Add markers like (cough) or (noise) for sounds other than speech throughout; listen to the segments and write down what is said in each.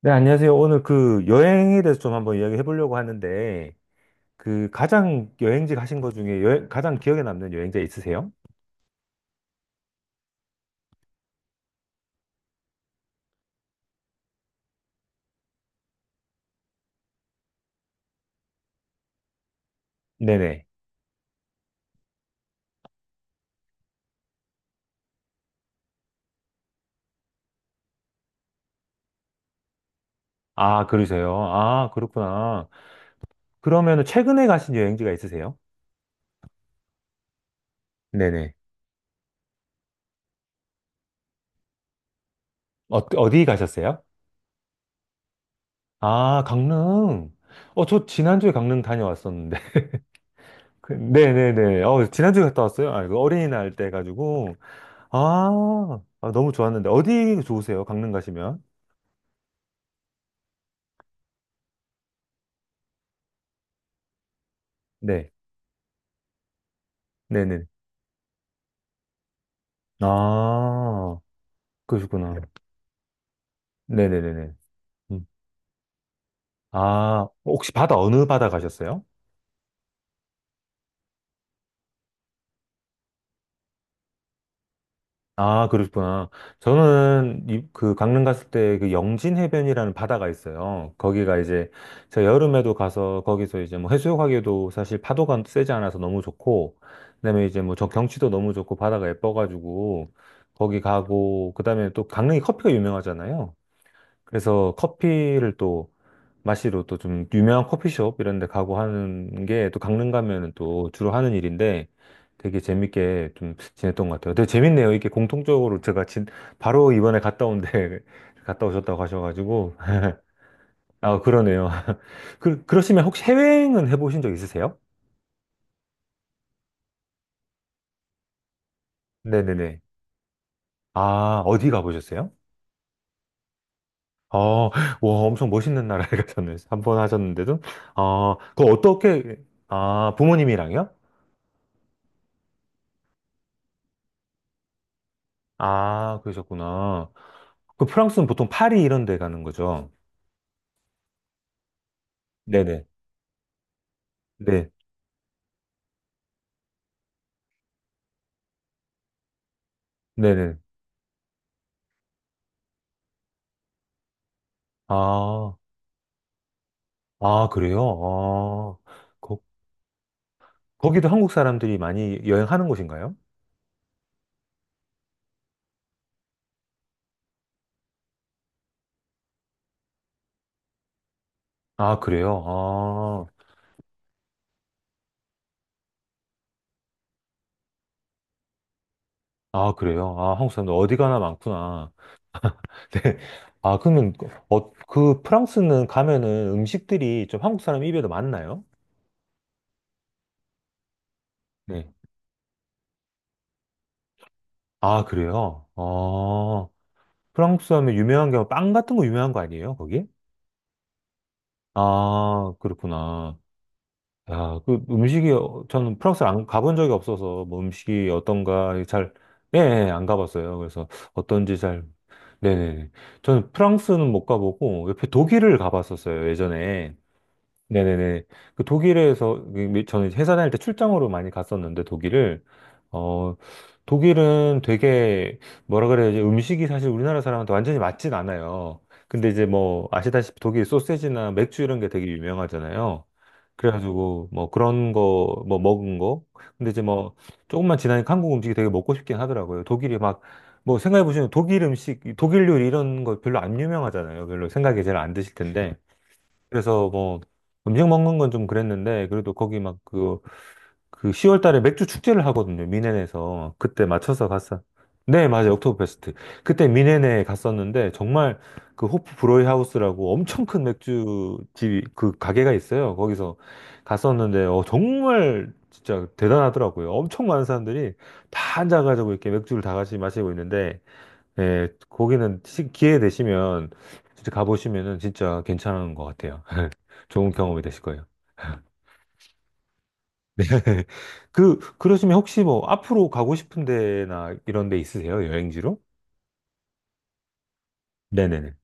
네, 안녕하세요. 오늘 그 여행에 대해서 좀 한번 이야기해 보려고 하는데, 그 가장 여행지 가신 것 중에 가장 기억에 남는 여행지 있으세요? 네네. 아, 그러세요? 아, 그렇구나. 그러면 최근에 가신 여행지가 있으세요? 네네. 어디 가셨어요? 아, 강릉. 저 지난주에 강릉 다녀왔었는데. (laughs) 네네네. 지난주에 갔다 왔어요? 아, 그 어린이날 때 가지고 아, 아, 너무 좋았는데. 어디 좋으세요? 강릉 가시면? 네. 네네. 아. 그러셨구나. 네네네네. 음. 아, 혹시 바다, 어느 바다 가셨어요? 아, 그러셨구나. 저는 그 강릉 갔을 때 그 영진 해변이라는 바다가 있어요. 거기가 이제 제가 여름에도 가서 거기서 이제 뭐 해수욕하기에도 사실 파도가 세지 않아서 너무 좋고, 그다음에 이제 뭐 저 경치도 너무 좋고 바다가 예뻐가지고 거기 가고, 그다음에 또 강릉이 커피가 유명하잖아요. 그래서 커피를 또 마시러 또 좀 유명한 커피숍 이런 데 가고 하는 게 또 강릉 가면은 또 주로 하는 일인데 되게 재밌게 좀 지냈던 것 같아요. 되게 재밌네요. 이게 공통적으로 바로 이번에 갔다 온데 (laughs) 갔다 오셨다고 하셔가지고. 아, 그러네요. (laughs) 그, 그러시면 혹시 해외여행은 해보신 적 있으세요? 네네네. 아, 어디 가보셨어요? 어, 와, 엄청 멋있는 나라에 (laughs) 가셨네요. 한 번 하셨는데도. 아, 그거 어떻게, 아, 부모님이랑요? 아, 그러셨구나. 그 프랑스는 보통 파리 이런 데 가는 거죠? 네네. 네. 네네. 아, 아, 그래요? 아, 거, 거기도 한국 사람들이 많이 여행하는 곳인가요? 아, 그래요? 아, 아, 그래요? 아, 한국 사람들 어디 가나 많구나. (laughs) 네. 아, 그러면, 그 프랑스는 가면은 음식들이 좀 한국 사람 입에도 맞나요? 네. 아, 그래요? 아, 프랑스 하면 유명한 게 빵 같은 거 유명한 거 아니에요, 거기? 아, 그렇구나. 야, 저는 프랑스를 안 가본 적이 없어서, 뭐 음식이 어떤가 잘, 예, 예, 안 가봤어요. 그래서 어떤지 잘, 네네네. 저는 프랑스는 못 가보고, 옆에 독일을 가봤었어요, 예전에. 네네네. 그 독일에서, 저는 회사 다닐 때 출장으로 많이 갔었는데, 독일을. 어, 독일은 되게, 뭐라 그래야 지 음식이 사실 우리나라 사람한테 완전히 맞진 않아요. 근데 이제 뭐, 아시다시피 독일 소세지나 맥주 이런 게 되게 유명하잖아요. 그래가지고, 뭐, 그런 거, 뭐, 먹은 거. 근데 이제 뭐, 조금만 지나니까 한국 음식이 되게 먹고 싶긴 하더라고요. 독일이 막, 뭐, 생각해보시면 독일 음식, 독일 요리 이런 거 별로 안 유명하잖아요. 별로 생각이 잘 안 드실 텐데. 그래서 뭐 음식 먹는 건 좀 그랬는데 그래도 거기 막 그 10월 달에 맥주 축제를 하거든요. 미넨에서 그때 맞춰서 갔어. 네, 맞아요. 옥토버페스트. 그때 미넨에 갔었는데 정말 그 호프 브로이 하우스라고 엄청 큰 맥주집 그 가게가 있어요. 거기서 갔었는데 정말 진짜 대단하더라고요. 엄청 많은 사람들이 다 앉아가지고 이렇게 맥주를 다 같이 마시고 있는데 예, 기회 되시면 진짜 가보시면은 진짜 괜찮은 것 같아요. 좋은 경험이 되실 거예요. (laughs) 그, 그러시면 혹시 뭐 앞으로 가고 싶은 데나 이런 데 있으세요? 여행지로? 네네네.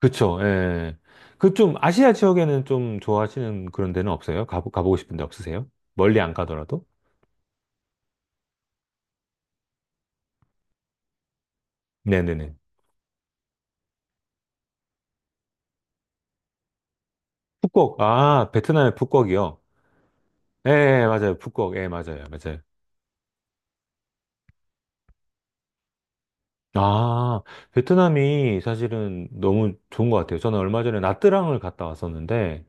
그쵸, 예. 그 좀 아시아 지역에는 좀 좋아하시는 그런 데는 없어요? 가보, 가보고 싶은 데 없으세요? 멀리 안 가더라도? 네네네. 푸꾸옥, 아, 베트남의 푸꾸옥이요? 예, 예, 맞아요. 푸꾸옥, 예, 맞아요. 맞아요. 아, 베트남이 사실은 너무 좋은 것 같아요. 저는 얼마 전에 나트랑을 갔다 왔었는데,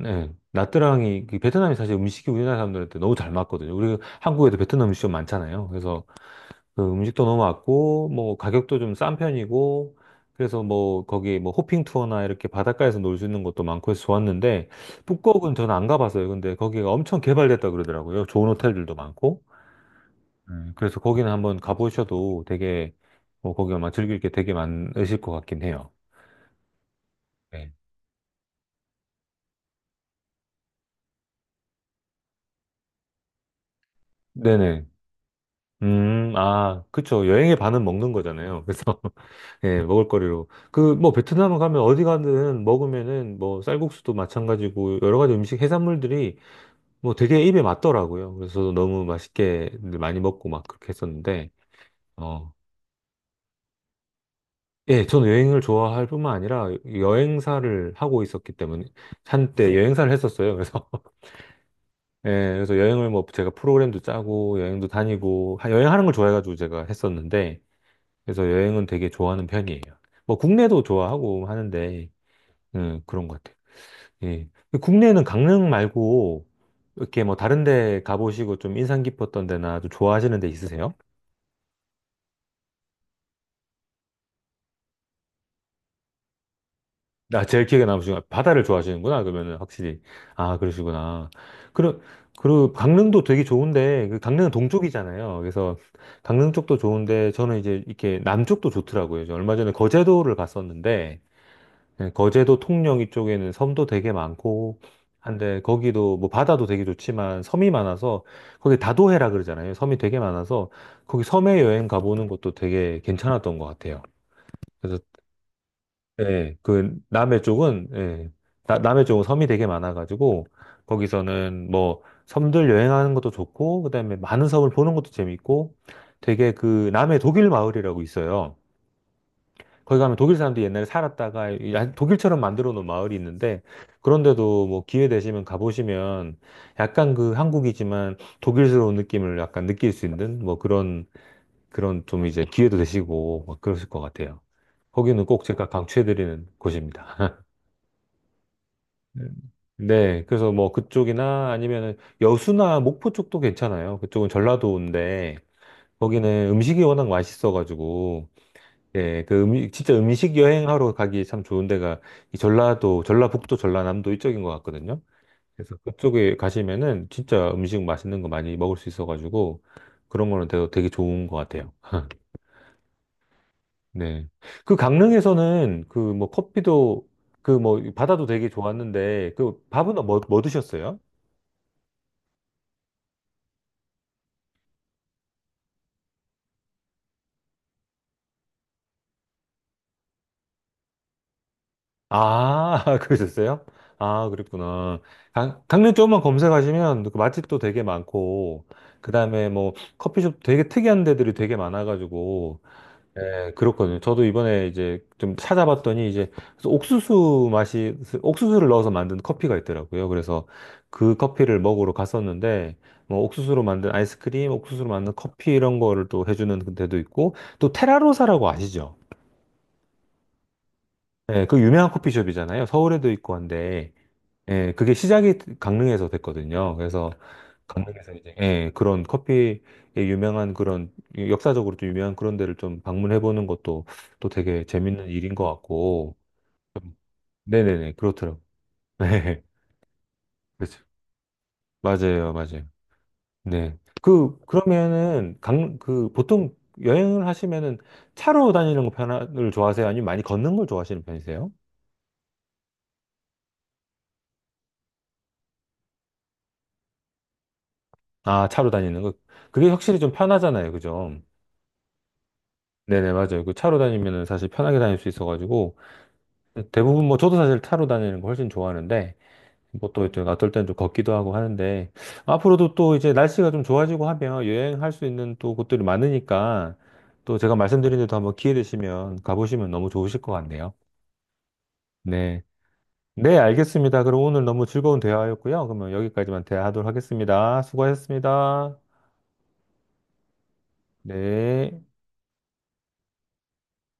네. 나트랑이, 그 베트남이 사실 음식이 우리나라 사람들한테 너무 잘 맞거든요. 우리 한국에도 베트남 음식점 많잖아요. 그래서 그 음식도 너무 맞고, 뭐 가격도 좀 싼 편이고, 그래서 뭐 거기 뭐 호핑 투어나 이렇게 바닷가에서 놀 수 있는 것도 많고 해서 좋았는데, 북극은 저는 안 가봤어요. 근데 거기가 엄청 개발됐다 그러더라고요. 좋은 호텔들도 많고. 네, 그래서 거기는 한번 가보셔도 되게, 뭐 거기 아마 즐길 게 되게 많으실 것 같긴 해요. 네. 네네. 아, 그쵸. 여행의 반은 먹는 거잖아요. 예, 먹을거리로. 그, 뭐, 베트남 가면 어디 가든 먹으면은 뭐, 쌀국수도 마찬가지고, 여러 가지 음식, 해산물들이 뭐 되게 입에 맞더라고요. 그래서 너무 맛있게 많이 먹고 막 그렇게 했었는데, 어. 예, 저는 여행을 좋아할 뿐만 아니라 여행사를 하고 있었기 때문에, 한때 여행사를 했었어요. 그래서, (laughs) 예, 그래서 여행을 뭐 제가 프로그램도 짜고, 여행도 다니고, 여행하는 걸 좋아해가지고 제가 했었는데, 그래서 여행은 되게 좋아하는 편이에요. 뭐, 국내도 좋아하고 하는데, 그런 것 같아요. 예. 국내에는 강릉 말고 이렇게 뭐 다른 데 가보시고 좀 인상 깊었던 데나 좀 좋아하시는 데 있으세요? 나 제일 기억에 남으신 건 바다를 좋아하시는구나. 그러면은 확실히 아 그러시구나. 그리고 그리고 강릉도 되게 좋은데 그 강릉은 동쪽이잖아요. 그래서 강릉 쪽도 좋은데 저는 이제 이렇게 남쪽도 좋더라고요. 저 얼마 전에 거제도를 갔었는데 네, 거제도 통영 이쪽에는 섬도 되게 많고 한데 거기도 뭐 바다도 되게 좋지만 섬이 많아서 거기 다도해라 그러잖아요. 섬이 되게 많아서 거기 섬에 여행 가보는 것도 되게 괜찮았던 것 같아요. 그래서 예, 그 남해 쪽은 예, 남해 쪽은 섬이 되게 많아가지고 거기서는 뭐 섬들 여행하는 것도 좋고 그다음에 많은 섬을 보는 것도 재밌고 되게 그 남해 독일 마을이라고 있어요. 거기 가면 독일 사람들이 옛날에 살았다가 독일처럼 만들어 놓은 마을이 있는데 그런데도 뭐 기회 되시면 가보시면 약간 그 한국이지만 독일스러운 느낌을 약간 느낄 수 있는 뭐 그런 그런 좀 이제 기회도 되시고 막 그러실 것 같아요. 거기는 꼭 제가 강추해드리는 곳입니다. (laughs) 네, 그래서 뭐 그쪽이나 아니면 여수나 목포 쪽도 괜찮아요. 그쪽은 전라도인데 거기는 음식이 워낙 맛있어가지고 예, 그 음식, 진짜 음식 여행하러 가기 참 좋은 데가 이 전라도, 전라북도, 전라남도 이쪽인 것 같거든요. 그래서 그쪽에 가시면은 진짜 음식 맛있는 거 많이 먹을 수 있어가지고 그런 거는 되게, 되게 좋은 것 같아요. (laughs) 네. 그 강릉에서는 그 뭐 커피도 그 뭐 바다도 되게 좋았는데 그 밥은 뭐, 뭐 드셨어요? 아, (laughs) 그러셨어요? 아, 그랬구나. 강, 강릉 쪽만 검색하시면 그 맛집도 되게 많고, 그 다음에 뭐 커피숍 되게 특이한 데들이 되게 많아가지고, 예, 그렇거든요. 저도 이번에 이제 좀 찾아봤더니 이제 그래서 옥수수 맛이, 옥수수를 넣어서 만든 커피가 있더라고요. 그래서 그 커피를 먹으러 갔었는데, 뭐 옥수수로 만든 아이스크림, 옥수수로 만든 커피 이런 거를 또 해주는 데도 있고, 또 테라로사라고 아시죠? 예, 그 유명한 커피숍이잖아요. 서울에도 있고 한데. 예, 그게 시작이 강릉에서 됐거든요. 그래서 강릉에서 이제 예, 그런 커피에 유명한 그런 역사적으로 좀 유명한 그런 데를 좀 방문해 보는 것도 또 되게 재밌는 일인 것 같고. 좀- 네네네, 그렇더라고요. 네, (laughs) 그렇죠. 맞아요, 맞아요. 네. 그, 그러면은 강, 그 보통 여행을 하시면은 차로 다니는 거 편을 좋아하세요? 아니면 많이 걷는 걸 좋아하시는 편이세요? 아, 차로 다니는 거. 그게 확실히 좀 편하잖아요, 그죠? 네네, 맞아요. 그 차로 다니면은 사실 편하게 다닐 수 있어가지고, 대부분 뭐 저도 사실 차로 다니는 거 훨씬 좋아하는데, 뭐 또 어떨 땐 좀 걷기도 하고 하는데, 앞으로도 또 이제 날씨가 좀 좋아지고 하면 여행할 수 있는 또 곳들이 많으니까, 또 제가 말씀드린 데도 한번 기회 되시면 가보시면 너무 좋으실 것 같네요. 네. 네, 알겠습니다. 그럼 오늘 너무 즐거운 대화였고요. 그러면 여기까지만 대화하도록 하겠습니다. 수고하셨습니다. 네.